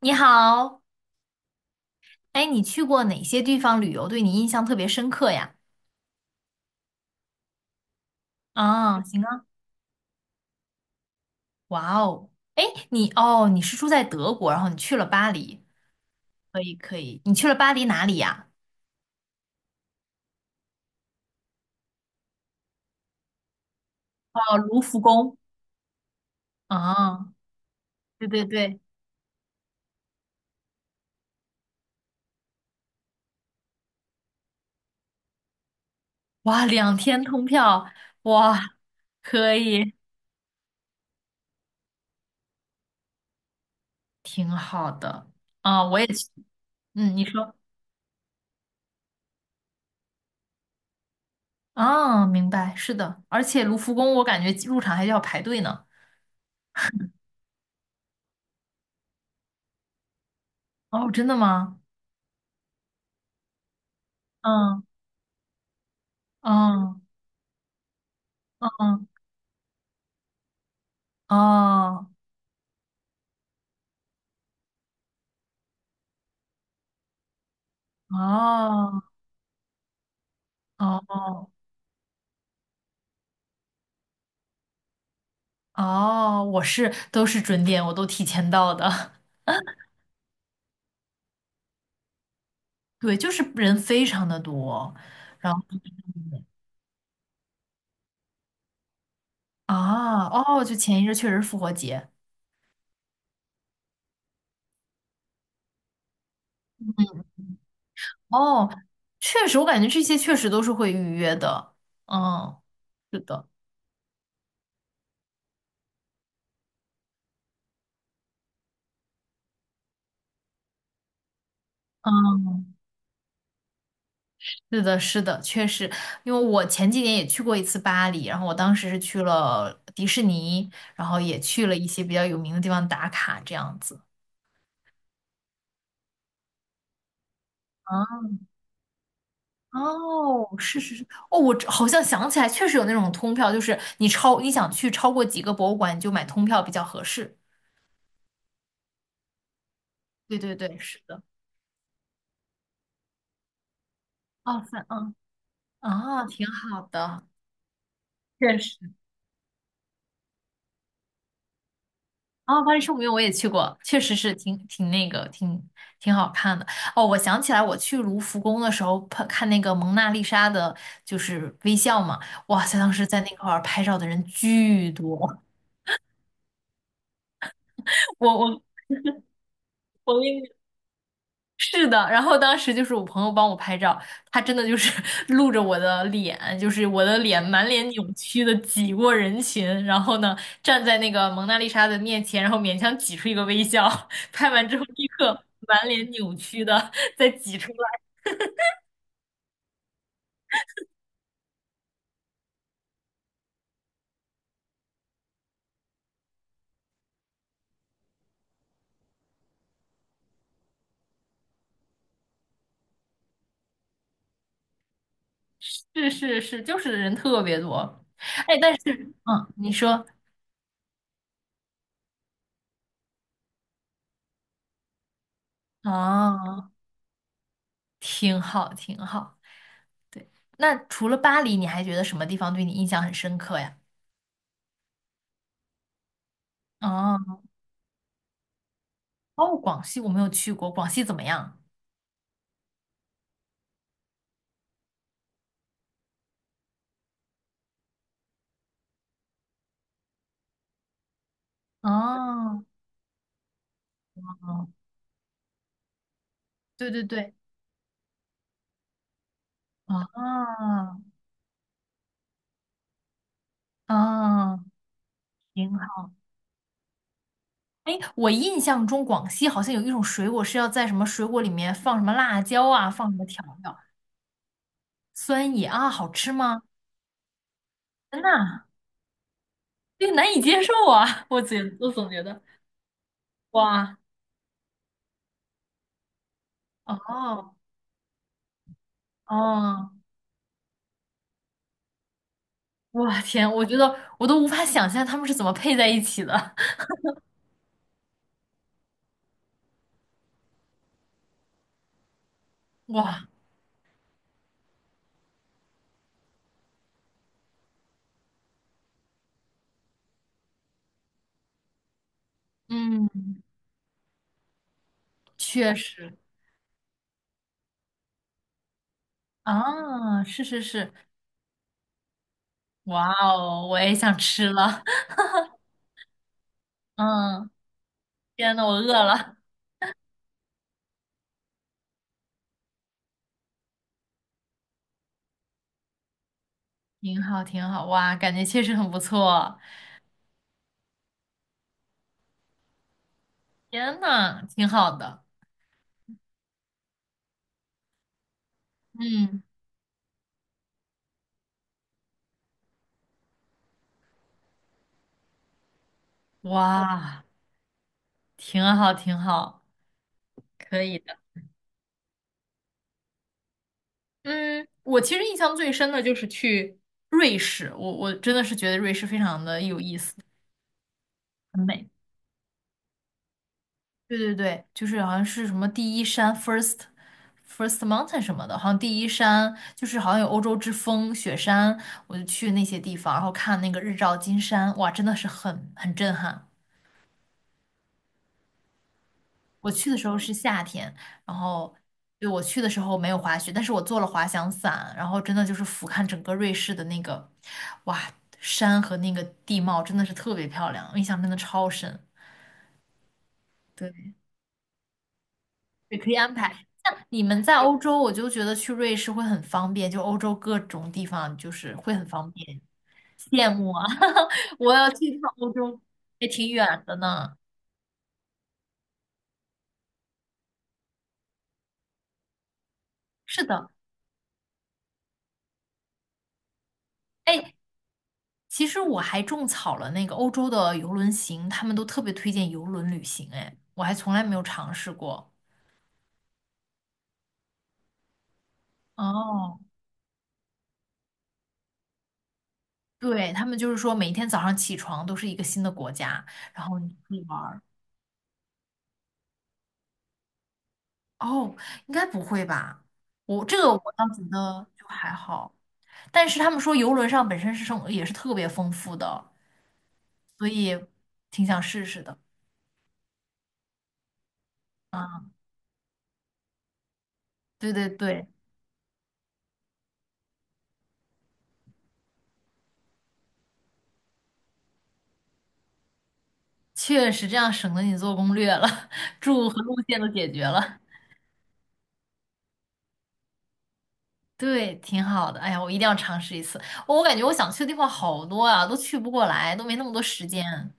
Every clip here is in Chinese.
你好，哎，你去过哪些地方旅游，对你印象特别深刻呀？啊，行啊，哇哦，哎，你是住在德国，然后你去了巴黎，可以可以，你去了巴黎哪里呀？哦，卢浮宫。啊，对对对，哇，2天通票，哇，可以，挺好的。啊，我也去，嗯，你说，啊，明白，是的，而且卢浮宫我感觉入场还要排队呢。哦，真的吗？嗯嗯嗯。嗯哦哦哦哦，我都是准点，我都提前到的。对，就是人非常的多，然后啊哦，就前一阵确实是复活节哦，确实我感觉这些确实都是会预约的。嗯，是的，嗯，是的，是的，确实，因为我前几年也去过一次巴黎，然后我当时是去了迪士尼，然后也去了一些比较有名的地方打卡，这样子。嗯哦，是是是，哦，我这好像想起来，确实有那种通票，就是你想去超过几个博物馆，你就买通票比较合适。对对对，是的。哦，算，嗯，啊，挺好的，确实。啊，巴黎圣母院我也去过，确实是挺那个，挺好看的。哦，我想起来，我去卢浮宫的时候看看那个蒙娜丽莎的，就是微笑嘛，哇塞，当时在那块儿拍照的人巨多，我我。我跟你。是的，然后当时就是我朋友帮我拍照，他真的就是 露着我的脸，就是我的脸满脸扭曲的挤过人群，然后呢站在那个蒙娜丽莎的面前，然后勉强挤出一个微笑，拍完之后立刻满脸扭曲的 再挤出来。是是是，就是人特别多。哎，但是你说，啊，挺好挺好。对，那除了巴黎，你还觉得什么地方对你印象很深刻呀？哦。哦，广西我没有去过，广西怎么样？哦，哦对对对，啊啊，挺好。哎，我印象中广西好像有一种水果是要在什么水果里面放什么辣椒啊，放什么调料，酸野啊，好吃吗？天呐，这个难以接受啊！我总觉得，哇，哦哦，哇天，我觉得我都无法想象他们是怎么配在一起的。哇，嗯，确实啊，是是是，哇哦，我也想吃了。嗯，天呐，我饿了。挺好，挺好，哇，感觉确实很不错。天呐，挺好的。嗯，哇，挺好，挺好，可以的。嗯，我其实印象最深的就是去瑞士，我真的是觉得瑞士非常的有意思，很美。对对对，就是好像是什么第一山 first mountain 什么的，好像第一山就是好像有欧洲之风雪山，我就去那些地方，然后看那个日照金山，哇，真的是很震撼。我去的时候是夏天，然后对我去的时候没有滑雪，但是我做了滑翔伞，然后真的就是俯瞰整个瑞士的那个，哇，山和那个地貌真的是特别漂亮，我印象真的超深。对。也可以安排。像你们在欧洲，我就觉得去瑞士会很方便，就欧洲各种地方就是会很方便，羡慕啊！我要去一趟欧洲，也挺远的呢。是的，哎，其实我还种草了那个欧洲的游轮行，他们都特别推荐游轮旅行，哎，我还从来没有尝试过。哦，对，他们就是说每一天早上起床都是一个新的国家，然后你可以玩。哦，应该不会吧？我这个我倒觉得就还好，但是他们说游轮上本身是生也是特别丰富的，所以挺想试试的。啊，对对对，确实这样省得你做攻略了，住和路线都解决了，对，挺好的。哎呀，我一定要尝试一次。我感觉我想去的地方好多啊，都去不过来，都没那么多时间。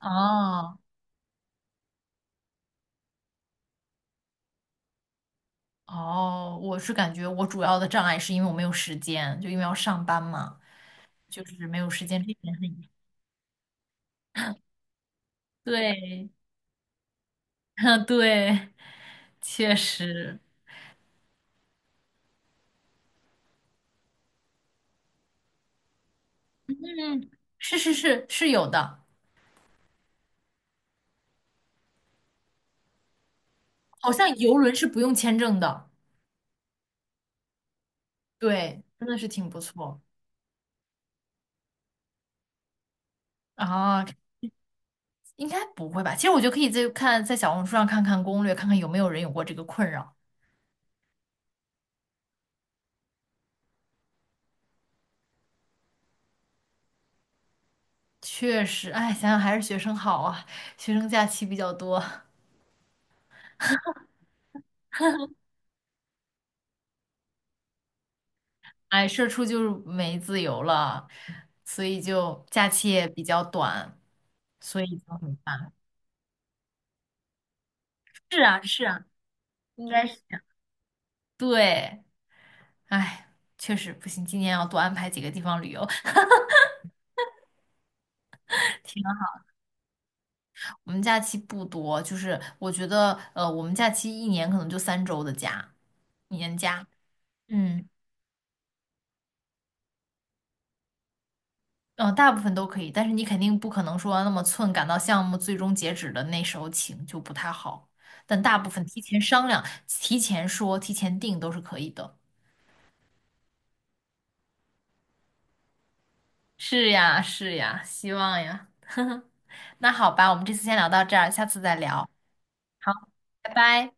哦哦，我是感觉我主要的障碍是因为我没有时间，就因为要上班嘛。就是没有时间，这点对，对，确实，嗯，是是是是有的，好像游轮是不用签证的，对，真的是挺不错啊，应该不会吧？其实我觉得可以再看在小红书上看看攻略，看看有没有人有过这个困扰。确实，哎，想想还是学生好啊，学生假期比较多，哎，社畜就是没自由了，所以就假期也比较短，所以就很烦。是啊，是啊，应该是。对，哎，确实不行，今年要多安排几个地方旅游。天啊，我们假期不多，就是我觉得，我们假期一年可能就3周的假，年假。嗯，大部分都可以，但是你肯定不可能说那么寸赶到项目最终截止的那时候请，就不太好。但大部分提前商量、提前说、提前定都是可以的。是呀，是呀，希望呀。那好吧，我们这次先聊到这儿，下次再聊。好，拜拜。